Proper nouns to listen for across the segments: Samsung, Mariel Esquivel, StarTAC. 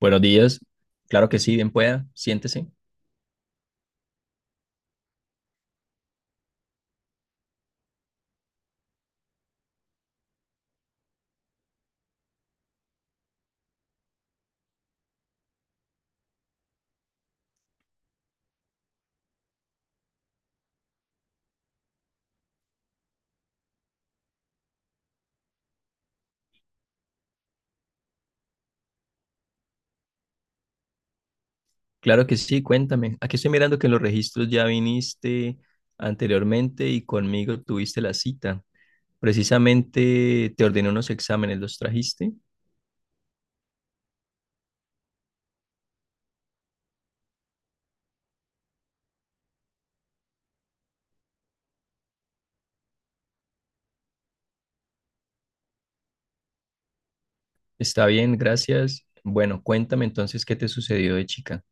Buenos días. Claro que sí, bien pueda. Siéntese. Claro que sí, cuéntame. Aquí estoy mirando que en los registros ya viniste anteriormente y conmigo tuviste la cita. Precisamente te ordené unos exámenes, ¿los trajiste? Está bien, gracias. Bueno, cuéntame entonces qué te sucedió de chica.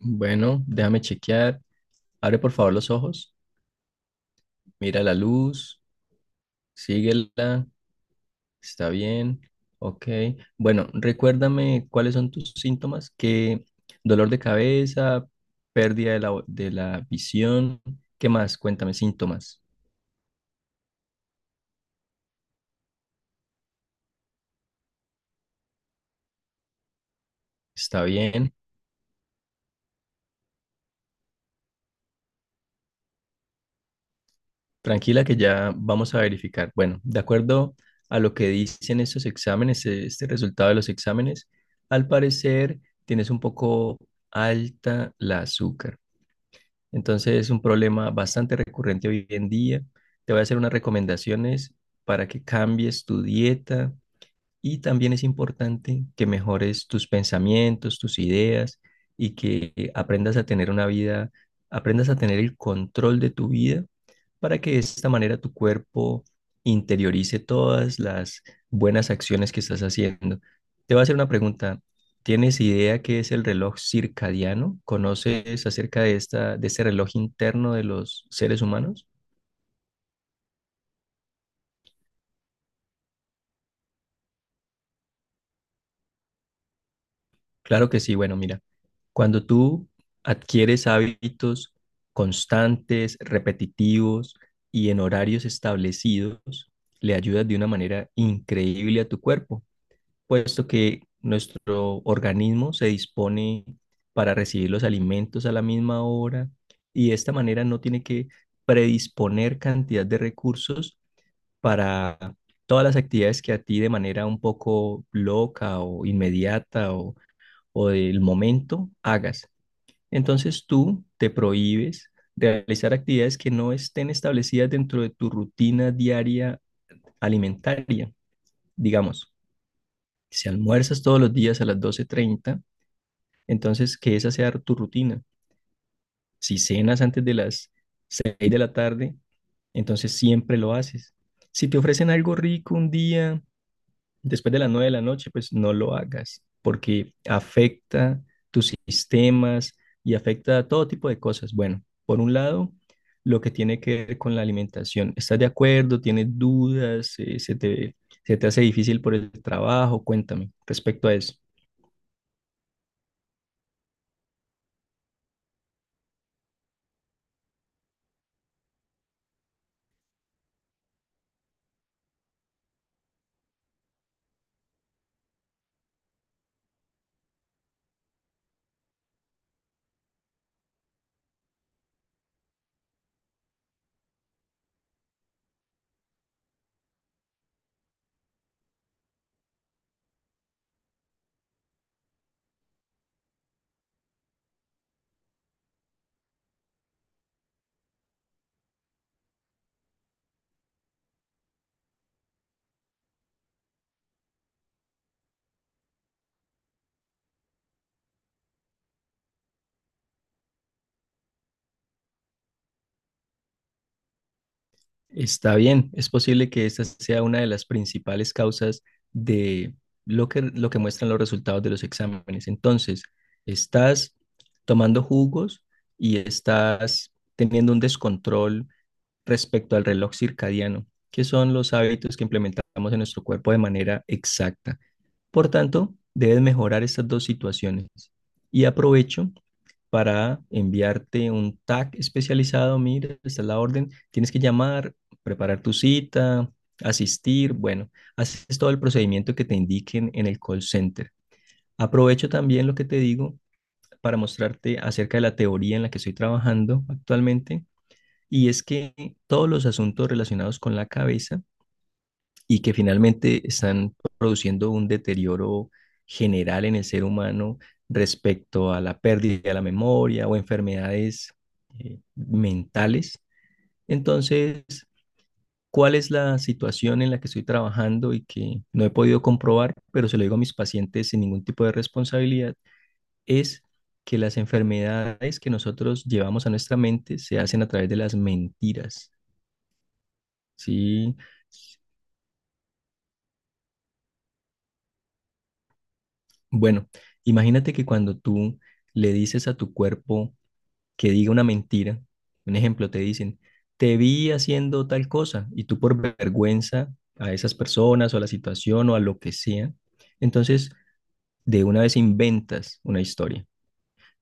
Bueno, déjame chequear. Abre por favor los ojos. Mira la luz, síguela, está bien, ok. Bueno, recuérdame cuáles son tus síntomas, que dolor de cabeza, pérdida de la, de la visión, ¿qué más? Cuéntame síntomas. Está bien, tranquila que ya vamos a verificar. Bueno, de acuerdo a lo que dicen estos exámenes, este resultado de los exámenes, al parecer tienes un poco alta la azúcar. Entonces es un problema bastante recurrente hoy en día. Te voy a hacer unas recomendaciones para que cambies tu dieta, y también es importante que mejores tus pensamientos, tus ideas y que aprendas a tener una vida, aprendas a tener el control de tu vida para que de esta manera tu cuerpo interiorice todas las buenas acciones que estás haciendo. Te voy a hacer una pregunta. ¿Tienes idea qué es el reloj circadiano? ¿Conoces acerca de esta, de este reloj interno de los seres humanos? Claro que sí. Bueno, mira, cuando tú adquieres hábitos constantes, repetitivos y en horarios establecidos, le ayudas de una manera increíble a tu cuerpo, puesto que nuestro organismo se dispone para recibir los alimentos a la misma hora y de esta manera no tiene que predisponer cantidad de recursos para todas las actividades que a ti de manera un poco loca o inmediata o del momento hagas. Entonces tú te prohíbes de realizar actividades que no estén establecidas dentro de tu rutina diaria alimentaria. Digamos, si almuerzas todos los días a las 12:30 entonces que esa sea tu rutina. Si cenas antes de las 6 de la tarde, entonces siempre lo haces. Si te ofrecen algo rico un día después de las 9 de la noche, pues no lo hagas, porque afecta tus sistemas y afecta todo tipo de cosas. Bueno, por un lado, lo que tiene que ver con la alimentación. ¿Estás de acuerdo? ¿Tienes dudas? ¿Se te hace difícil por el trabajo? Cuéntame respecto a eso. Está bien, es posible que esta sea una de las principales causas de lo que muestran los resultados de los exámenes. Entonces, estás tomando jugos y estás teniendo un descontrol respecto al reloj circadiano, que son los hábitos que implementamos en nuestro cuerpo de manera exacta. Por tanto, debes mejorar estas dos situaciones. Y aprovecho para enviarte un tag especializado, mira, esta es la orden, tienes que llamar, preparar tu cita, asistir, bueno, haces todo el procedimiento que te indiquen en el call center. Aprovecho también lo que te digo para mostrarte acerca de la teoría en la que estoy trabajando actualmente, y es que todos los asuntos relacionados con la cabeza y que finalmente están produciendo un deterioro general en el ser humano respecto a la pérdida de la memoria o enfermedades mentales. Entonces, ¿cuál es la situación en la que estoy trabajando y que no he podido comprobar, pero se lo digo a mis pacientes sin ningún tipo de responsabilidad? Es que las enfermedades que nosotros llevamos a nuestra mente se hacen a través de las mentiras, ¿sí? Bueno, imagínate que cuando tú le dices a tu cuerpo que diga una mentira, un ejemplo, te dicen, te vi haciendo tal cosa, y tú por vergüenza a esas personas o a la situación o a lo que sea, entonces de una vez inventas una historia,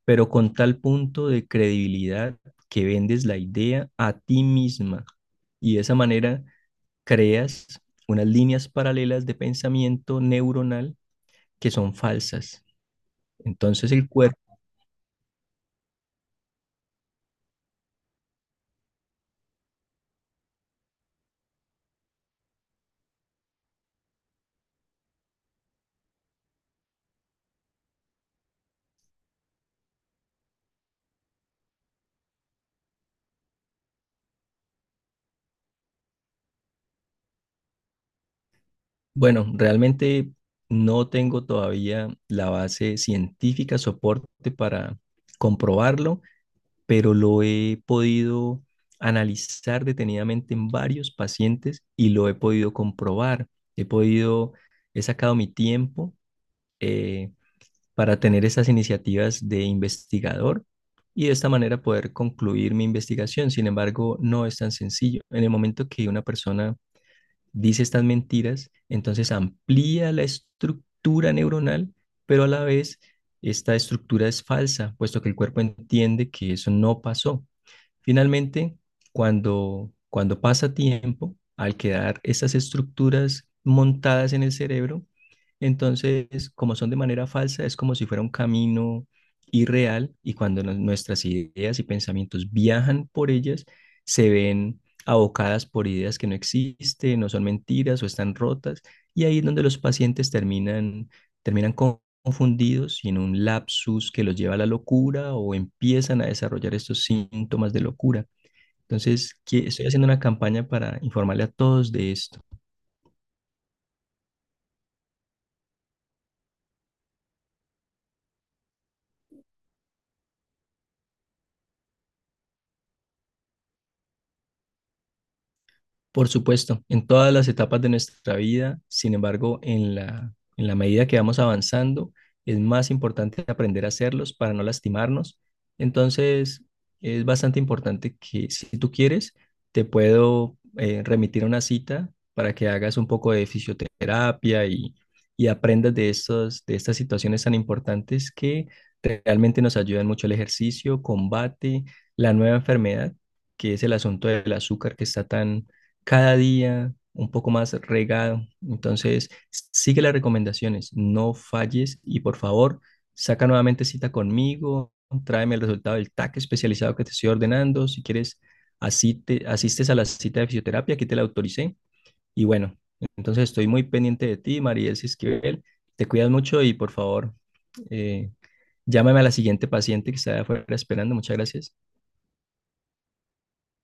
pero con tal punto de credibilidad que vendes la idea a ti misma y de esa manera creas unas líneas paralelas de pensamiento neuronal que son falsas. Entonces el cuerpo. Bueno, realmente no tengo todavía la base científica, soporte para comprobarlo, pero lo he podido analizar detenidamente en varios pacientes y lo he podido comprobar. He podido, he sacado mi tiempo eh, para tener esas iniciativas de investigador y de esta manera poder concluir mi investigación. Sin embargo, no es tan sencillo. En el momento que una persona dice estas mentiras, entonces amplía la estructura neuronal, pero a la vez esta estructura es falsa, puesto que el cuerpo entiende que eso no pasó. Finalmente, cuando pasa tiempo, al quedar esas estructuras montadas en el cerebro, entonces, como son de manera falsa, es como si fuera un camino irreal y cuando nuestras ideas y pensamientos viajan por ellas, se ven abocadas por ideas que no existen, no son mentiras o están rotas, y ahí es donde los pacientes terminan, terminan con- confundidos y en un lapsus que los lleva a la locura o empiezan a desarrollar estos síntomas de locura. Entonces, estoy haciendo una campaña para informarle a todos de esto. Por supuesto, en todas las etapas de nuestra vida, sin embargo, en la medida que vamos avanzando, es más importante aprender a hacerlos para no lastimarnos. Entonces, es bastante importante que si tú quieres, te puedo remitir a una cita para que hagas un poco de fisioterapia y aprendas de estas situaciones tan importantes que realmente nos ayudan mucho el ejercicio, combate, la nueva enfermedad, que es el asunto del azúcar que está tan cada día un poco más regado. Entonces, sigue las recomendaciones, no falles y por favor, saca nuevamente cita conmigo, tráeme el resultado del TAC especializado que te estoy ordenando. Si quieres, asistes a la cita de fisioterapia, aquí te la autoricé. Y bueno, entonces estoy muy pendiente de ti, Mariel Esquivel. Te cuidas mucho y por favor, eh, llámame a la siguiente paciente que está afuera esperando. Muchas gracias.